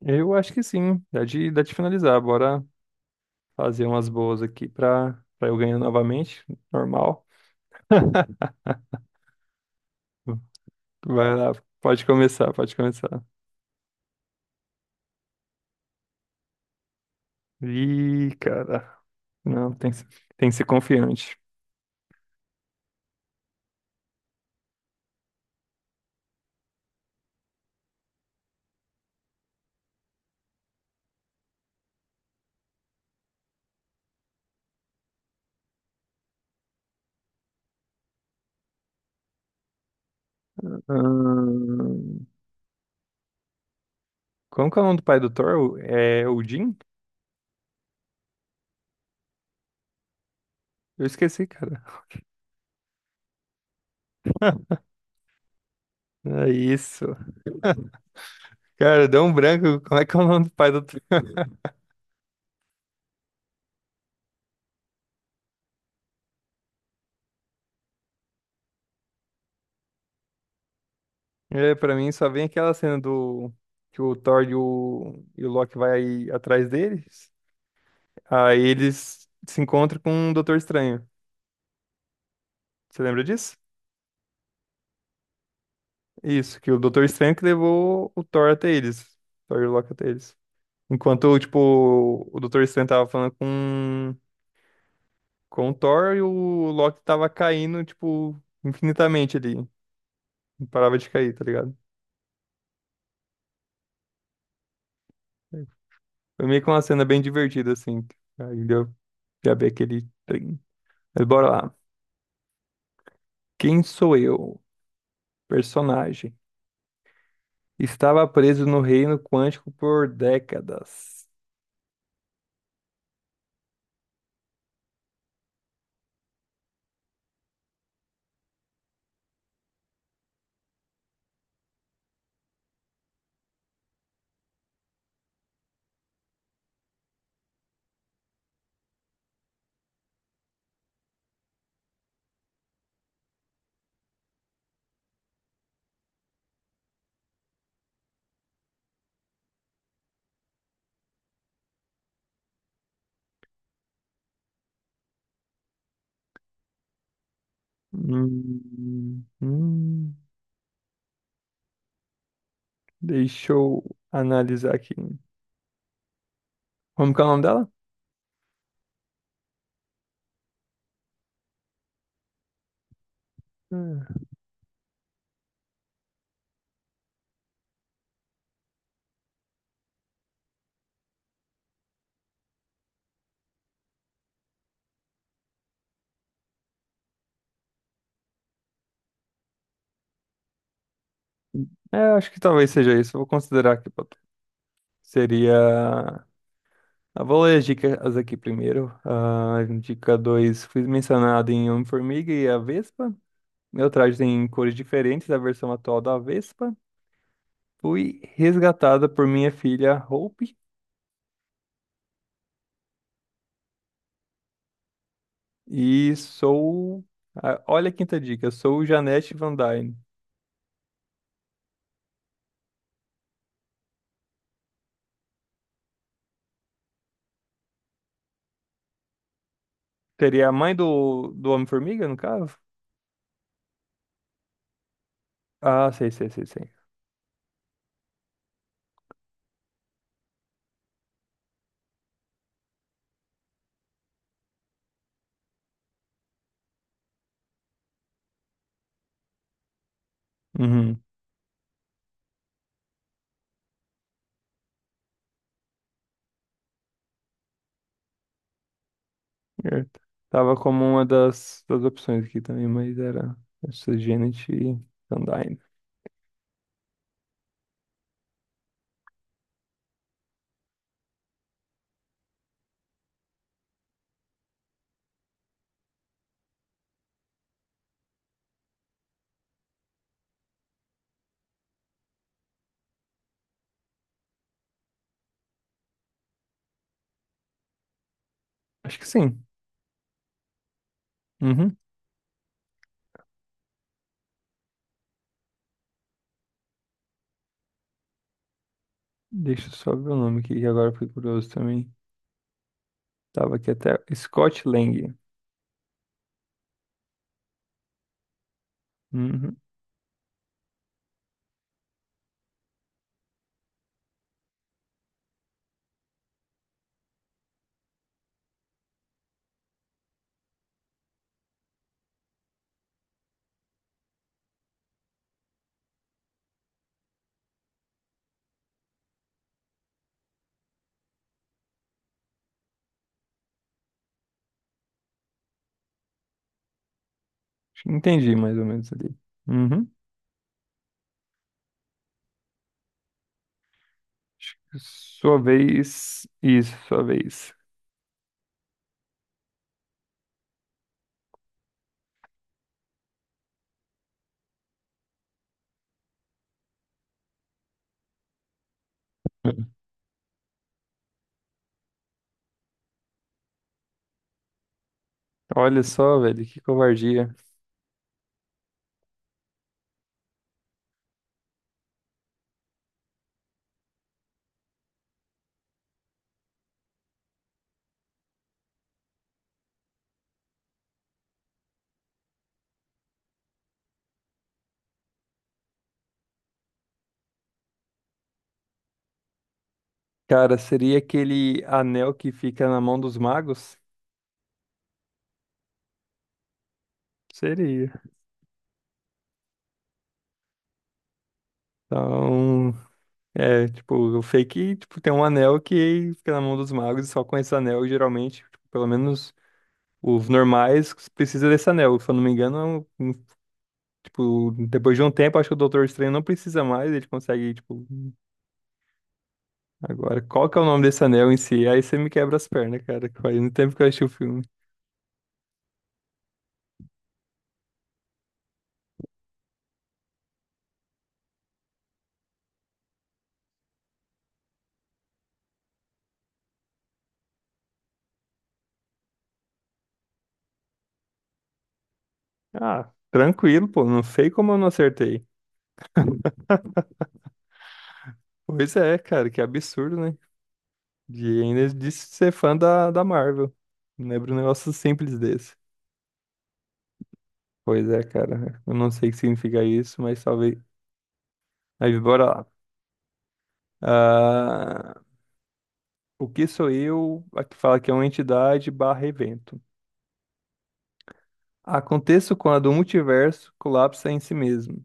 Eu acho que sim. Dá, dá de finalizar. Bora fazer umas boas aqui pra eu ganhar novamente. Normal. Vai lá, pode começar, pode começar. Ih, cara. Não, tem que ser confiante. Ahn, Como que é o nome do pai do Thor? É Odin? Eu esqueci, cara. É isso. Cara, deu um branco. Como é que é o nome do pai do Thor? É, pra mim só vem aquela cena do que o Thor e o Loki vai atrás dele. Aí eles se encontram com o Doutor Estranho. Você lembra disso? Isso, que o Doutor Estranho que levou o Thor até eles. Thor e o Loki até eles. Enquanto, tipo, o Doutor Estranho tava falando com o Thor e o Loki tava caindo, tipo, infinitamente ali. Não parava de cair, tá ligado? Foi meio que uma cena bem divertida, assim. Aí deu pra ver aquele trem. Mas bora lá. Quem sou eu? Personagem. Estava preso no reino quântico por décadas. Hum, hum, deixa eu analisar aqui. Como que é o nome dela? Hum. É, eu acho que talvez seja isso. Eu vou considerar aqui pra tu. Seria. Eu vou ler as dicas aqui primeiro. Ah, dica dois, fui mencionado em Homem-Formiga e a Vespa. Meu traje tem cores diferentes da versão atual da Vespa. Fui resgatada por minha filha Hope. E sou... ah, olha a quinta dica. Sou Janete Van Dyne. Seria a mãe do Homem-Formiga, no caso? Ah, sei, sei, sei, sei. Uhum. Certo. Tava como uma das opções aqui também, mas era essa Janet Sandine. Acho que sim. Uhum. Deixa eu só ver o nome aqui, que agora eu fiquei curioso também. Tava aqui até Scott Lang. Uhum. Acho que entendi mais ou menos ali. Uhum. Acho que é sua vez. Isso, sua vez. Uhum. Olha só, velho, que covardia. Cara, seria aquele anel que fica na mão dos magos? Seria. Então, é, tipo, o fake, tipo, tem um anel que fica na mão dos magos e só com esse anel, geralmente, tipo, pelo menos os normais precisa desse anel. Se eu não me engano, é tipo, depois de um tempo, acho que o Doutor Estranho não precisa mais, ele consegue, tipo, agora, qual que é o nome desse anel em si? Aí você me quebra as pernas, cara, que faz muito tempo que eu assisti o filme. Ah, tranquilo, pô, não sei como eu não acertei. Pois é, cara, que absurdo, né? E ainda disse ser fã da Marvel. Lembra um negócio simples desse. Pois é, cara. Eu não sei o que significa isso, mas talvez. Mas bora lá. Ah, o que sou eu? A que fala que é uma entidade barra evento. Aconteço quando o multiverso colapsa em si mesmo.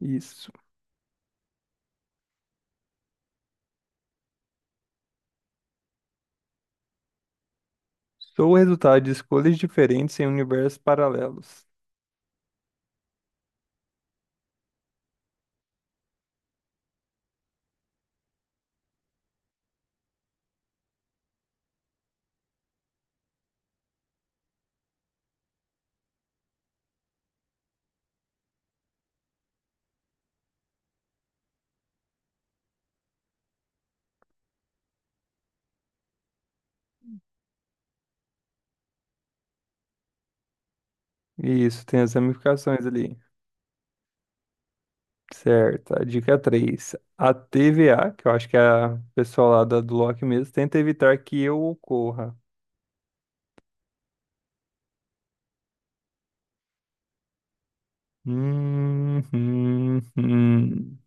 Isso. Sou o resultado de escolhas diferentes em universos paralelos. Isso, tem as ramificações ali. Certo, a dica três, a TVA, que eu acho que é a pessoa lá do Loki mesmo, tenta evitar que eu ocorra. Hum, hum, hum.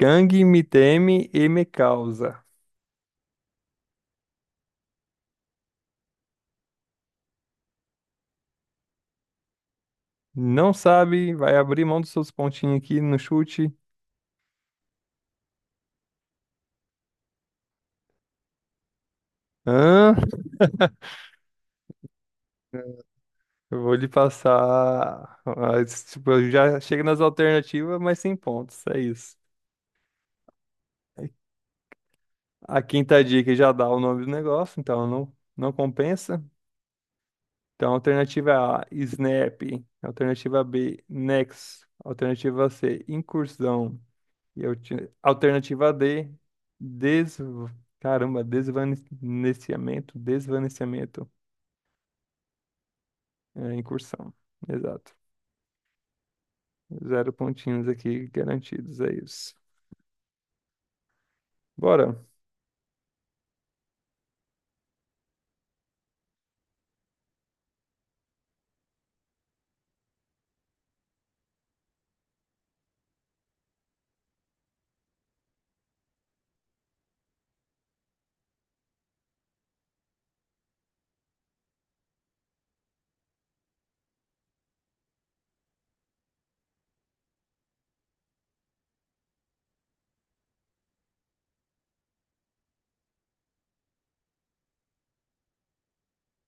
Gangue me teme e me causa. Não sabe, vai abrir mão dos seus pontinhos aqui no chute. Hã? Eu vou lhe passar. Ah, esse tipo, eu já chega nas alternativas, mas sem pontos. É isso. A quinta dica já dá o nome do negócio, então não compensa. Então, alternativa A, Snap. Alternativa B, Nex. Alternativa C, Incursão. E alternativa D, des... Caramba, desvanecimento. É, incursão. Exato. Zero pontinhos aqui garantidos, é isso. Bora.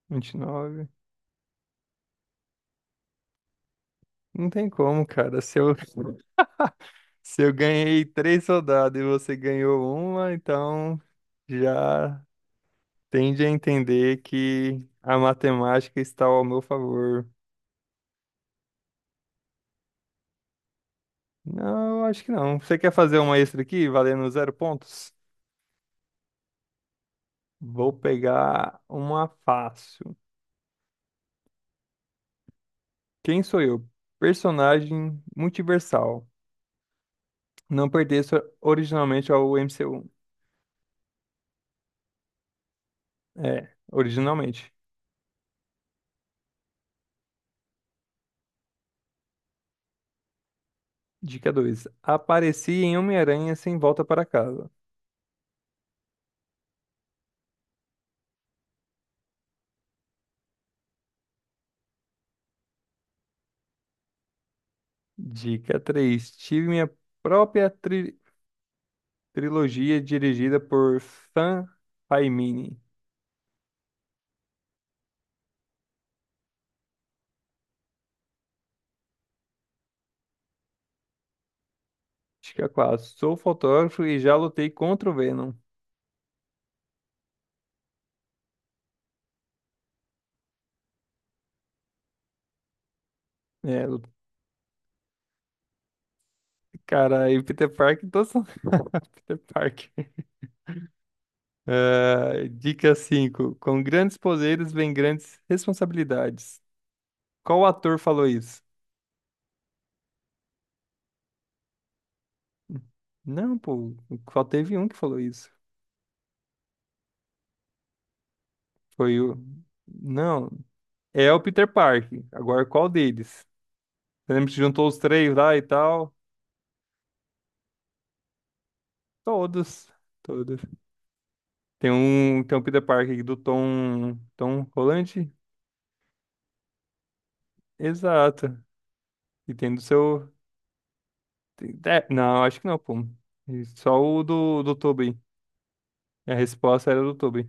Vinte e nove. Não tem como, cara. Se eu, se eu ganhei três rodadas e você ganhou uma, então já. Tende a entender que a matemática está ao meu favor. Não, acho que não. Você quer fazer uma extra aqui, valendo zero pontos? Vou pegar uma fácil. Quem sou eu? Personagem multiversal. Não pertenço originalmente ao MCU. É, originalmente. Dica 2. Apareci em Homem-Aranha sem volta para casa. Dica 3. Tive minha própria tri- trilogia dirigida por Sam Raimi. Acho que é quase. Sou fotógrafo e já lutei contra o Venom. É, cara, e Peter Parker, todos são Peter Parker. Ah, dica cinco, com grandes poderes vem grandes responsabilidades. Qual ator falou isso? Não, pô, só teve um que falou isso. Foi o. Não, é o Peter Parker. Agora, qual deles? Você lembra que juntou os três lá e tal? Todos. Todos. Tem um Peter Parker aqui do Tom, Tom Holland? Exato. E tem do seu. É, não, acho que não, pô. E só o do Tobey. A resposta era do Tobey.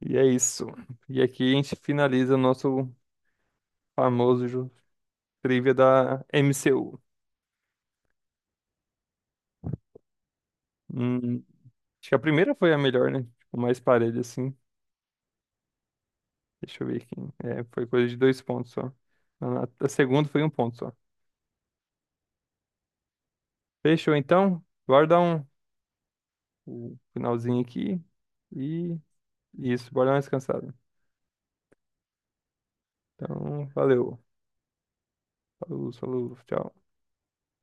E é isso. E aqui a gente finaliza o nosso famoso trivia da MCU. Hum, acho que a primeira foi a melhor, né? Tipo, mais parelha, assim. Deixa eu ver aqui. É, foi coisa de dois pontos só. A segunda foi um ponto só. Fechou, então. Bora dar um, um finalzinho aqui. E isso, bora dar uma descansada. Então, valeu. Falou, falou, tchau.